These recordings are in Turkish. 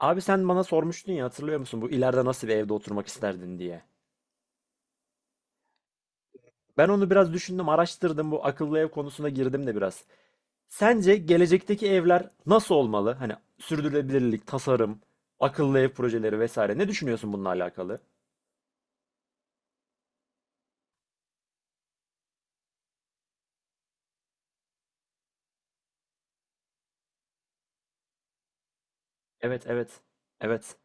Abi sen bana sormuştun ya, hatırlıyor musun, bu ileride nasıl bir evde oturmak isterdin diye. Ben onu biraz düşündüm, araştırdım, bu akıllı ev konusuna girdim de biraz. Sence gelecekteki evler nasıl olmalı? Hani sürdürülebilirlik, tasarım, akıllı ev projeleri vesaire. Ne düşünüyorsun bununla alakalı? Evet, evet. Evet,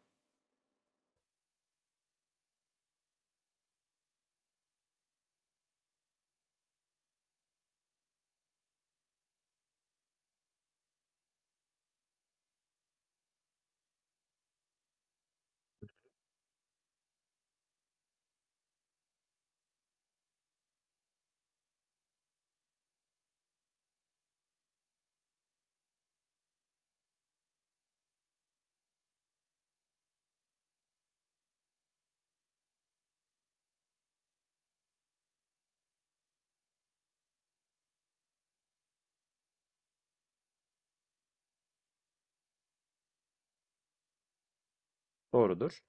doğrudur.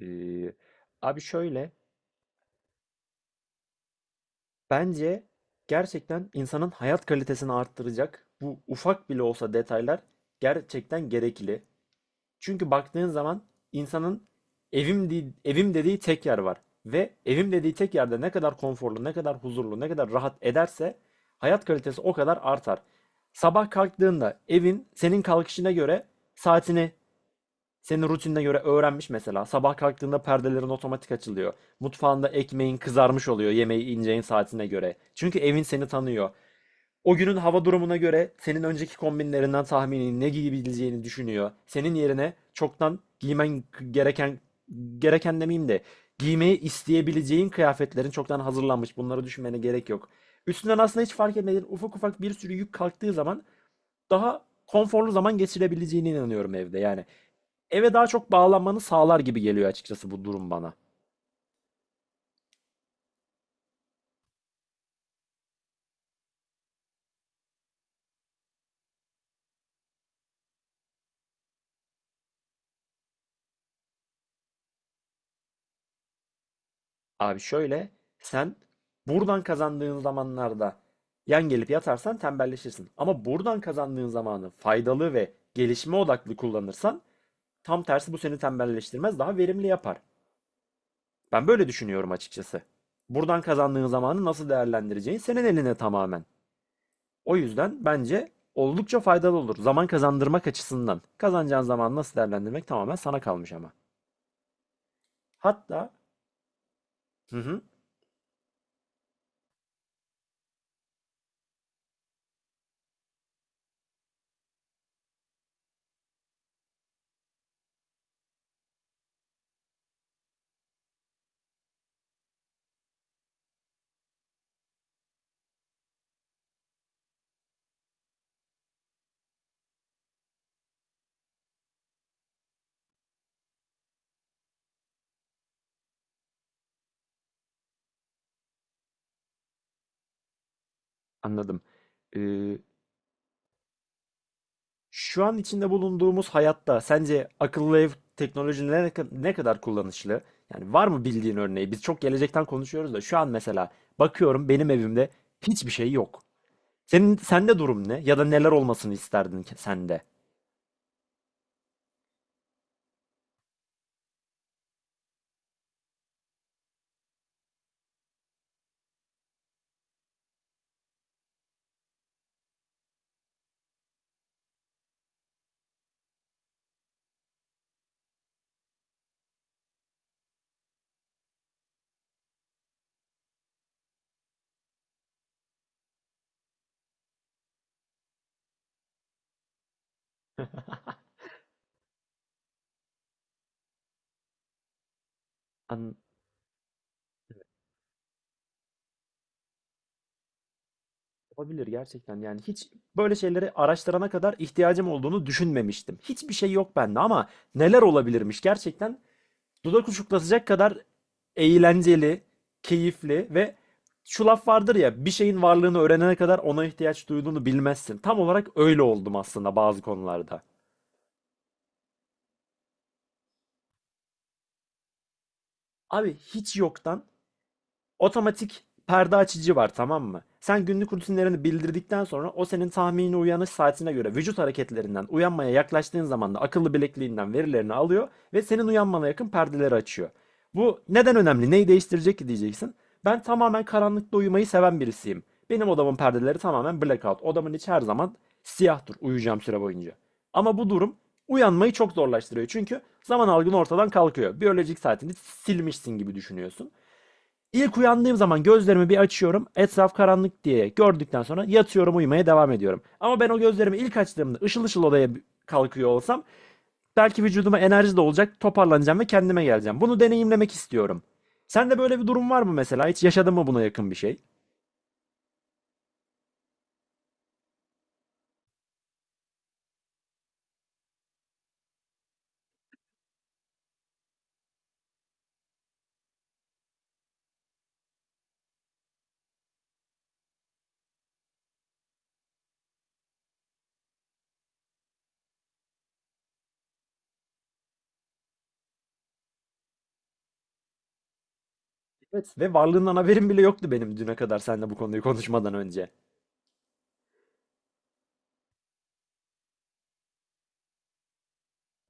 Ee, Abi şöyle, bence gerçekten insanın hayat kalitesini arttıracak bu ufak bile olsa detaylar gerçekten gerekli. Çünkü baktığın zaman insanın evim dediği tek yer var. Ve evim dediği tek yerde ne kadar konforlu, ne kadar huzurlu, ne kadar rahat ederse hayat kalitesi o kadar artar. Sabah kalktığında evin senin kalkışına göre saatini, senin rutinine göre öğrenmiş mesela. Sabah kalktığında perdelerin otomatik açılıyor. Mutfağında ekmeğin kızarmış oluyor yemeği ineceğin saatine göre. Çünkü evin seni tanıyor. O günün hava durumuna göre senin önceki kombinlerinden tahmini ne giyebileceğini düşünüyor. Senin yerine çoktan giymen gereken gereken demeyeyim de, giymeyi isteyebileceğin kıyafetlerin çoktan hazırlanmış. Bunları düşünmene gerek yok. Üstünden aslında hiç fark etmediğin ufak ufak bir sürü yük kalktığı zaman daha konforlu zaman geçirebileceğine inanıyorum evde. Yani eve daha çok bağlanmanı sağlar gibi geliyor açıkçası bu durum bana. Abi şöyle, sen buradan kazandığın zamanlarda yan gelip yatarsan tembelleşirsin. Ama buradan kazandığın zamanı faydalı ve gelişme odaklı kullanırsan tam tersi, bu seni tembelleştirmez, daha verimli yapar. Ben böyle düşünüyorum açıkçası. Buradan kazandığın zamanı nasıl değerlendireceğin senin eline tamamen. O yüzden bence oldukça faydalı olur. Zaman kazandırmak açısından. Kazanacağın zamanı nasıl değerlendirmek tamamen sana kalmış ama. Hatta hı hı, anladım. Ee, Şu an içinde bulunduğumuz hayatta sence akıllı ev teknolojinin ne kadar kullanışlı? Yani var mı bildiğin örneği? Biz çok gelecekten konuşuyoruz da şu an mesela bakıyorum benim evimde hiçbir şey yok. Senin sende durum ne? Ya da neler olmasını isterdin ki sende? An olabilir gerçekten. Yani hiç böyle şeyleri araştırana kadar ihtiyacım olduğunu düşünmemiştim. Hiçbir şey yok bende, ama neler olabilirmiş gerçekten, dudak uçuklatacak kadar eğlenceli, keyifli ve şu laf vardır ya, bir şeyin varlığını öğrenene kadar ona ihtiyaç duyduğunu bilmezsin. Tam olarak öyle oldum aslında bazı konularda. Abi hiç yoktan otomatik perde açıcı var, tamam mı? Sen günlük rutinlerini bildirdikten sonra o senin tahmini uyanış saatine göre vücut hareketlerinden uyanmaya yaklaştığın zaman da akıllı bilekliğinden verilerini alıyor ve senin uyanmana yakın perdeleri açıyor. Bu neden önemli? Neyi değiştirecek ki diyeceksin. Ben tamamen karanlıkta uyumayı seven birisiyim. Benim odamın perdeleri tamamen blackout. Odamın içi her zaman siyahtır uyuyacağım süre boyunca. Ama bu durum uyanmayı çok zorlaştırıyor. Çünkü zaman algın ortadan kalkıyor. Biyolojik saatini silmişsin gibi düşünüyorsun. İlk uyandığım zaman gözlerimi bir açıyorum. Etraf karanlık diye gördükten sonra yatıyorum, uyumaya devam ediyorum. Ama ben o gözlerimi ilk açtığımda ışıl ışıl odaya kalkıyor olsam belki vücuduma enerji de olacak, toparlanacağım ve kendime geleceğim. Bunu deneyimlemek istiyorum. Sende böyle bir durum var mı mesela? Hiç yaşadın mı buna yakın bir şey? Evet. Ve varlığından haberim bile yoktu benim, düne kadar seninle bu konuyu konuşmadan önce.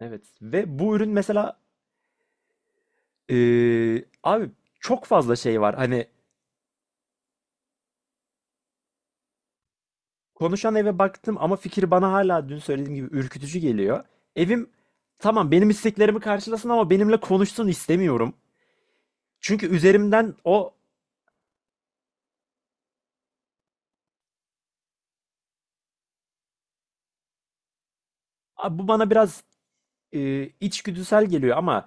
Evet. Ve bu ürün mesela abi çok fazla şey var. Hani konuşan eve baktım ama fikir bana hala dün söylediğim gibi ürkütücü geliyor. Evim tamam benim isteklerimi karşılasın ama benimle konuşsun istemiyorum. Çünkü üzerimden bu bana biraz içgüdüsel geliyor ama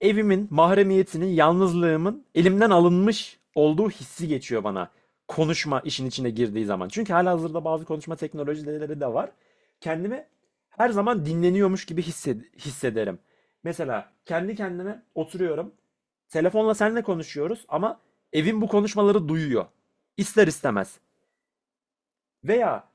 evimin, mahremiyetinin, yalnızlığımın elimden alınmış olduğu hissi geçiyor bana. Konuşma işin içine girdiği zaman. Çünkü halihazırda bazı konuşma teknolojileri de var. Kendimi her zaman dinleniyormuş gibi hissederim. Mesela kendi kendime oturuyorum. Telefonla seninle konuşuyoruz ama evim bu konuşmaları duyuyor. İster istemez. Veya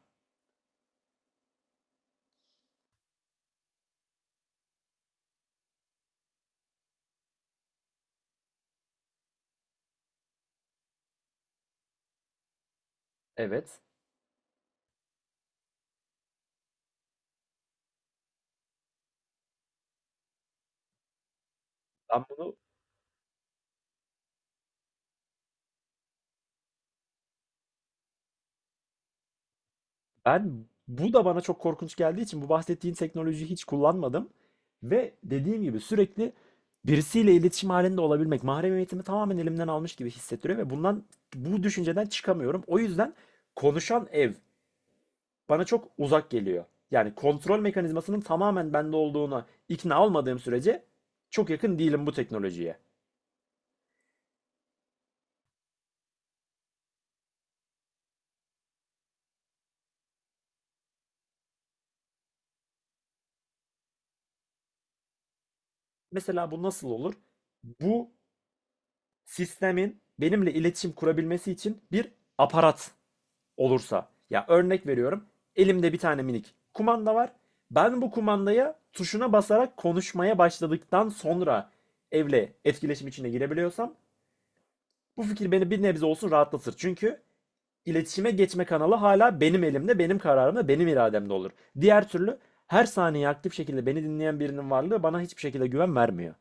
evet, ben bunu ben bu da bana çok korkunç geldiği için bu bahsettiğin teknolojiyi hiç kullanmadım. Ve dediğim gibi sürekli birisiyle iletişim halinde olabilmek mahremiyetimi tamamen elimden almış gibi hissettiriyor ve bundan, bu düşünceden çıkamıyorum. O yüzden konuşan ev bana çok uzak geliyor. Yani kontrol mekanizmasının tamamen bende olduğuna ikna olmadığım sürece çok yakın değilim bu teknolojiye. Mesela bu nasıl olur? Bu sistemin benimle iletişim kurabilmesi için bir aparat olursa. Ya örnek veriyorum. Elimde bir tane minik kumanda var. Ben bu kumandaya, tuşuna basarak konuşmaya başladıktan sonra evle etkileşim içine girebiliyorsam bu fikir beni bir nebze olsun rahatlatır. Çünkü iletişime geçme kanalı hala benim elimde, benim kararımda, benim irademde olur. Diğer türlü her saniye aktif şekilde beni dinleyen birinin varlığı bana hiçbir şekilde güven vermiyor.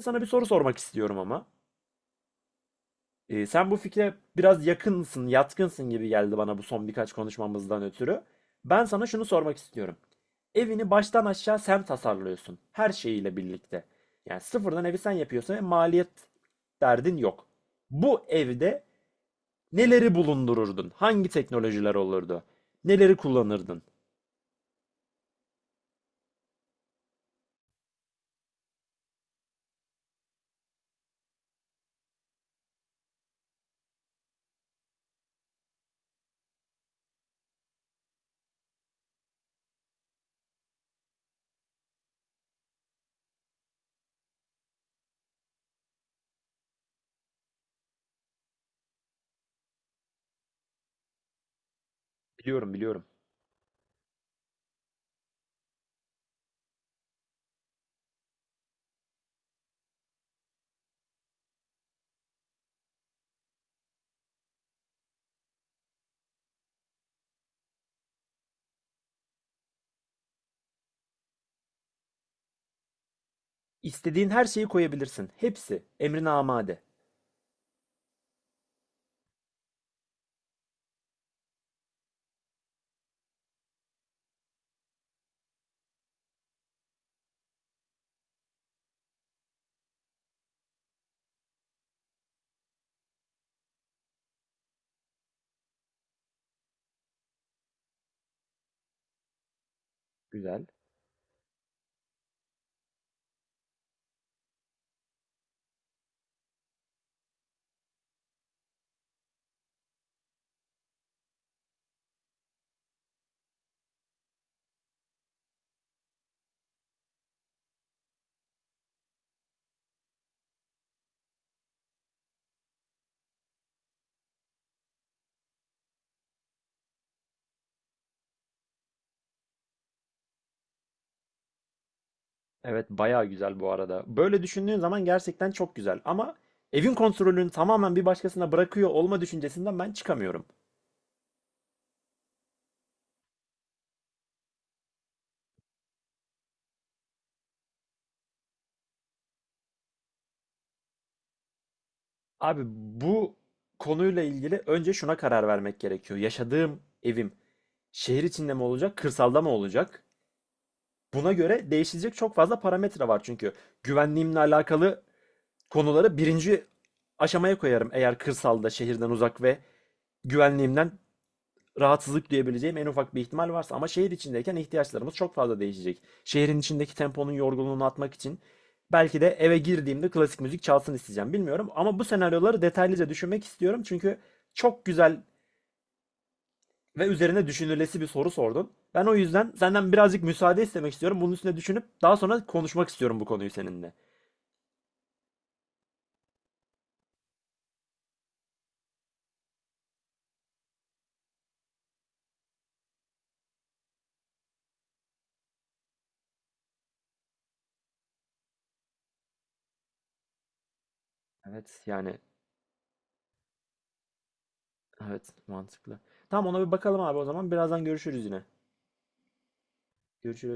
Sana bir soru sormak istiyorum ama. Sen bu fikre biraz yakınsın, yatkınsın gibi geldi bana bu son birkaç konuşmamızdan ötürü. Ben sana şunu sormak istiyorum. Evini baştan aşağı sen tasarlıyorsun. Her şeyiyle birlikte. Yani sıfırdan evi sen yapıyorsun ve maliyet derdin yok. Bu evde neleri bulundururdun? Hangi teknolojiler olurdu? Neleri kullanırdın? Biliyorum, biliyorum. İstediğin her şeyi koyabilirsin. Hepsi emrine amade. Güzel. Evet bayağı güzel bu arada. Böyle düşündüğün zaman gerçekten çok güzel. Ama evin kontrolünü tamamen bir başkasına bırakıyor olma düşüncesinden ben çıkamıyorum. Abi bu konuyla ilgili önce şuna karar vermek gerekiyor. Yaşadığım evim şehir içinde mi olacak, kırsalda mı olacak? Buna göre değişecek çok fazla parametre var çünkü. Güvenliğimle alakalı konuları birinci aşamaya koyarım eğer kırsalda, şehirden uzak ve güvenliğimden rahatsızlık duyabileceğim en ufak bir ihtimal varsa, ama şehir içindeyken ihtiyaçlarımız çok fazla değişecek. Şehrin içindeki temponun yorgunluğunu atmak için belki de eve girdiğimde klasik müzik çalsın isteyeceğim. Bilmiyorum ama bu senaryoları detaylıca düşünmek istiyorum çünkü çok güzel ve üzerine düşünülesi bir soru sordun. Ben o yüzden senden birazcık müsaade istemek istiyorum. Bunun üstüne düşünüp daha sonra konuşmak istiyorum bu konuyu seninle. Evet yani, evet mantıklı. Tamam, ona bir bakalım abi, o zaman birazdan görüşürüz yine. Görüşürüz.